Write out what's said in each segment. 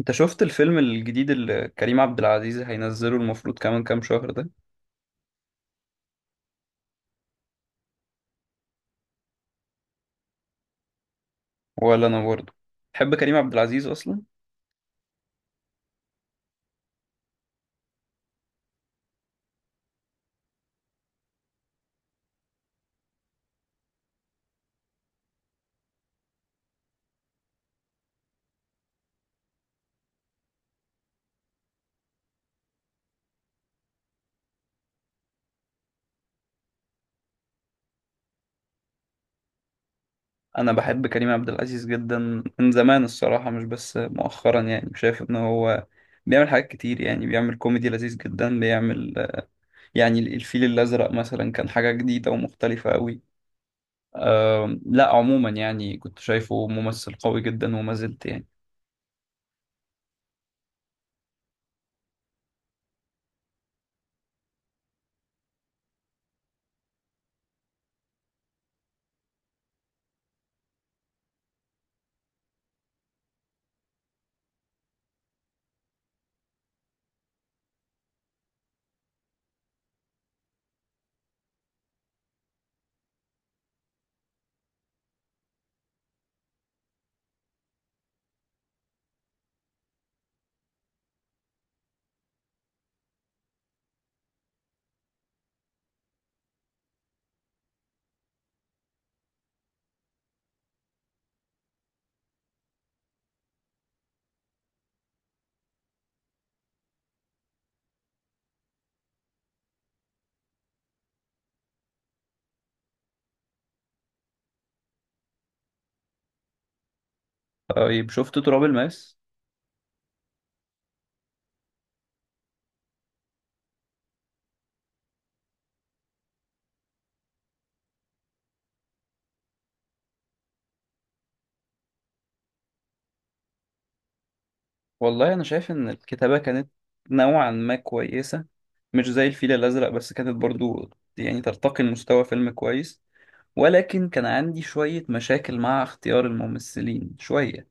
انت شفت الفيلم الجديد اللي كريم عبد العزيز هينزله المفروض كمان كام شهر ده؟ ولا انا برضه. تحب كريم عبد العزيز اصلا؟ انا بحب كريم عبد العزيز جدا من زمان الصراحة، مش بس مؤخرا. يعني شايف ان هو بيعمل حاجات كتير، يعني بيعمل كوميدي لذيذ جدا، بيعمل يعني الفيل الازرق مثلا كان حاجة جديدة ومختلفة قوي. لا عموما يعني كنت شايفه ممثل قوي جدا وما زلت يعني. طيب شفت تراب الماس؟ والله انا شايف ان الكتابة كانت نوعا ما كويسة، مش زي الفيل الازرق، بس كانت برضو يعني ترتقي لمستوى فيلم كويس. ولكن كان عندي شوية مشاكل مع اختيار الممثلين شوية.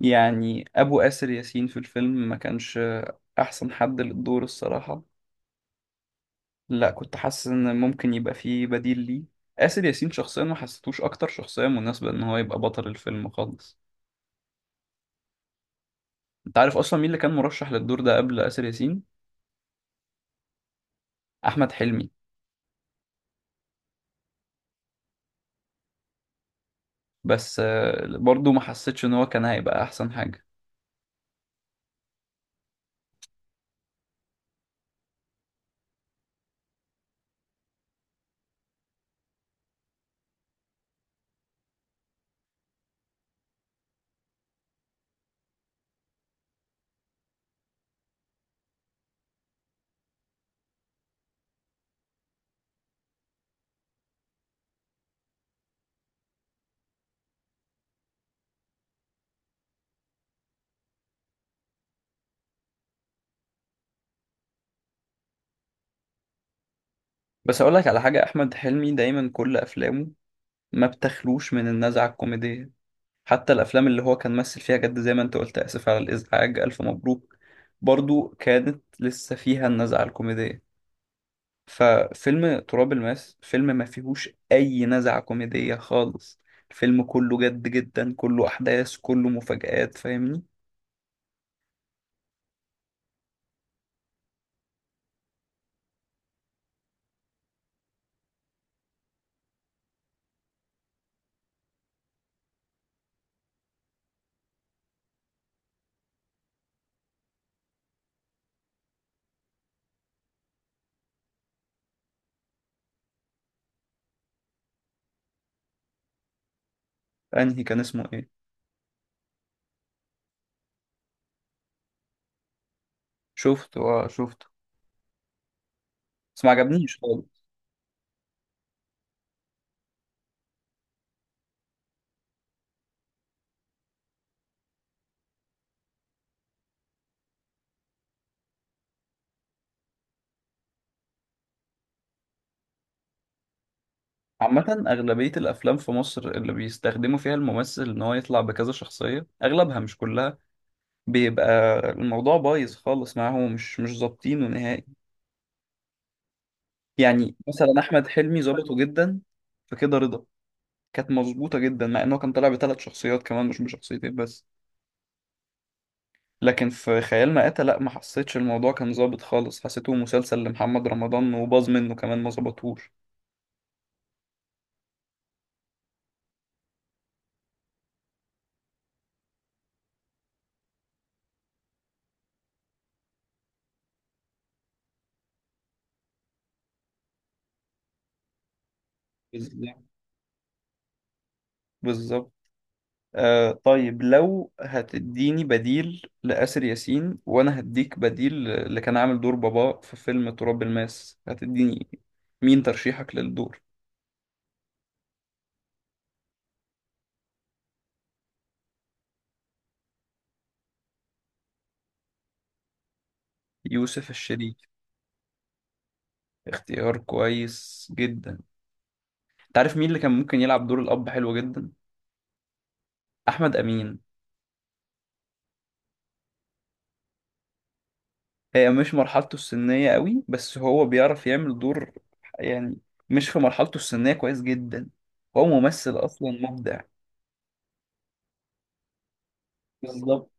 يعني ابو آسر ياسين في الفيلم ما كانش احسن حد للدور الصراحة. لا، كنت حاسس ان ممكن يبقى فيه بديل ليه. آسر ياسين شخصيا ما حسيتوش اكتر شخصية مناسبة ان هو يبقى بطل الفيلم خالص. انت عارف اصلا مين اللي كان مرشح للدور ده قبل آسر ياسين؟ احمد حلمي. بس برضو ما حسيتش ان هو كان هيبقى احسن حاجة. بس اقول لك على حاجة، احمد حلمي دايما كل افلامه ما بتخلوش من النزعة الكوميدية. حتى الافلام اللي هو كان مثل فيها جد، زي ما انت قلت، اسف على الازعاج، الف مبروك، برضو كانت لسه فيها النزعة الكوميدية. ففيلم تراب الماس فيلم ما فيهوش اي نزعة كوميدية خالص. الفيلم كله جد جدا، كله احداث، كله مفاجآت، فاهمني؟ انهي كان اسمه ايه؟ شفته، اه شفته. بس ما عجبنيش خالص. عامة أغلبية الأفلام في مصر اللي بيستخدموا فيها الممثل إن هو يطلع بكذا شخصية، أغلبها مش كلها، بيبقى الموضوع بايظ خالص معاهم، مش ظابطينه نهائي. يعني مثلا أحمد حلمي ظبطه جدا في كده رضا، كانت مظبوطة جدا، مع إنه كان طالع بثلاث شخصيات كمان، مش بشخصيتين بس. لكن في خيال مآتة لأ، ما حسيتش الموضوع كان ظابط خالص، حسيته مسلسل لمحمد رمضان وباظ منه كمان، ما ظبطوش. بالظبط. بالظبط. طيب، لو هتديني بديل لآسر ياسين، وانا هديك بديل اللي كان عامل دور بابا في فيلم تراب الماس، هتديني مين ترشيحك للدور؟ يوسف الشريف؟ اختيار كويس جدا. تعرف مين اللي كان ممكن يلعب دور الاب حلو جدا؟ احمد امين. هي مش مرحلته السنية قوي، بس هو بيعرف يعمل دور، يعني مش في مرحلته السنية كويس جدا. هو ممثل اصلا مبدع. بالظبط.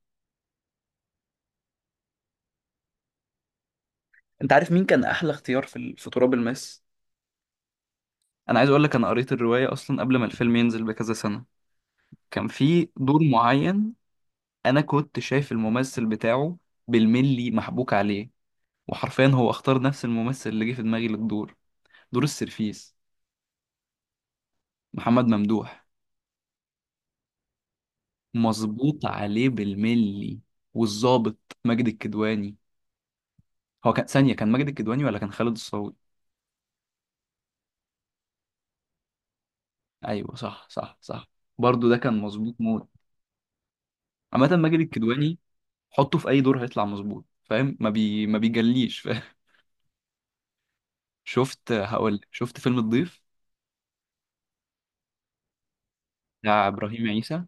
انت عارف مين كان احلى اختيار في تراب الماس؟ انا عايز اقول لك، انا قريت الرواية اصلا قبل ما الفيلم ينزل بكذا سنة. كان في دور معين، انا كنت شايف الممثل بتاعه بالملي محبوك عليه، وحرفيا هو اختار نفس الممثل اللي جه في دماغي للدور. دور السرفيس، محمد ممدوح، مظبوط عليه بالملي. والظابط ماجد الكدواني، هو كان ثانية، كان ماجد الكدواني ولا كان خالد الصاوي؟ ايوه، صح صح صح، برضه ده كان مظبوط موت. عامة ماجد الكدواني حطه في اي دور هيطلع مظبوط، فاهم؟ ما بيجليش. شفت، هقول لك، شفت فيلم الضيف بتاع ابراهيم عيسى؟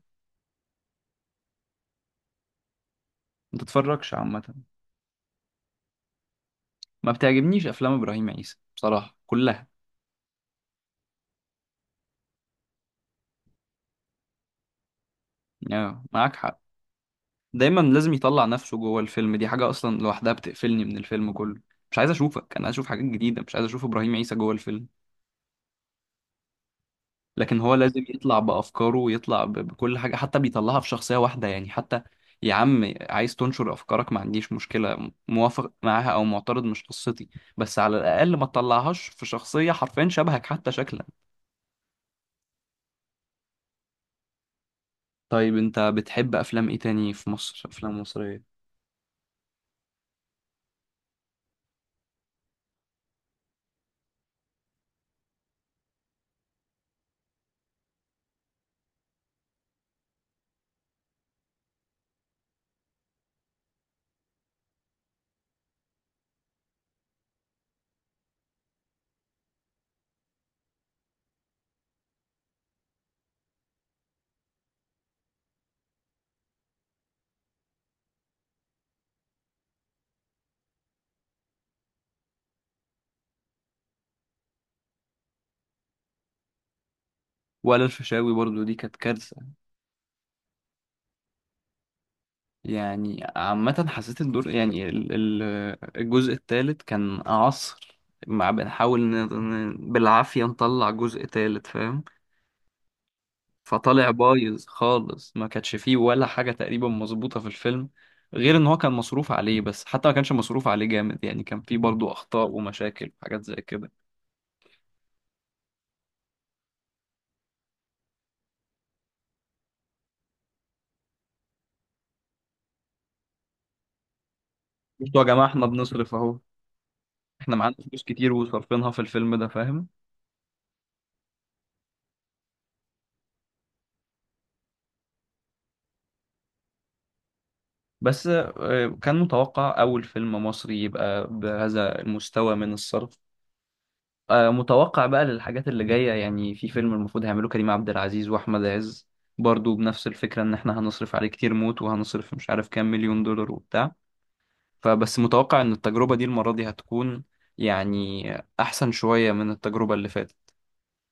ما تتفرجش عامه. ما بتعجبنيش افلام ابراهيم عيسى بصراحه كلها. معاك حق. دايما لازم يطلع نفسه جوه الفيلم، دي حاجه اصلا لوحدها بتقفلني من الفيلم كله. مش عايز اشوفك، انا عايز اشوف حاجات جديده، مش عايز اشوف ابراهيم عيسى جوه الفيلم. لكن هو لازم يطلع بأفكاره، ويطلع بكل حاجة، حتى بيطلعها في شخصية واحدة يعني حتى. يا عم، عايز تنشر أفكارك، ما عنديش مشكلة، موافق معاها أو معترض، مش قصتي. بس على الأقل ما تطلعهاش في شخصية حرفيا شبهك حتى شكلا. طيب أنت بتحب أفلام إيه تاني في مصر، أفلام مصرية؟ ولا الفيشاوي برضو، دي كانت كارثة. يعني عامة حسيت الدور، يعني الجزء الثالث كان عصر، مع بنحاول بالعافية نطلع جزء ثالث، فاهم؟ فطالع بايظ خالص، ما كانش فيه ولا حاجة تقريبا مظبوطة في الفيلم، غير ان هو كان مصروف عليه. بس حتى ما كانش مصروف عليه جامد، يعني كان فيه برضو اخطاء ومشاكل وحاجات زي كده. انتوا يا جماعة، احنا بنصرف اهو، احنا معانا فلوس كتير وصرفينها في الفيلم ده، فاهم؟ بس كان متوقع اول فيلم مصري يبقى بهذا المستوى من الصرف. متوقع بقى للحاجات اللي جاية، يعني في فيلم المفروض هيعملوه كريم عبد العزيز وأحمد عز، برضو بنفس الفكرة، إن إحنا هنصرف عليه كتير موت، وهنصرف مش عارف كام مليون دولار وبتاع. فبس متوقع إن التجربة دي المرة دي هتكون يعني أحسن شوية من التجربة اللي فاتت.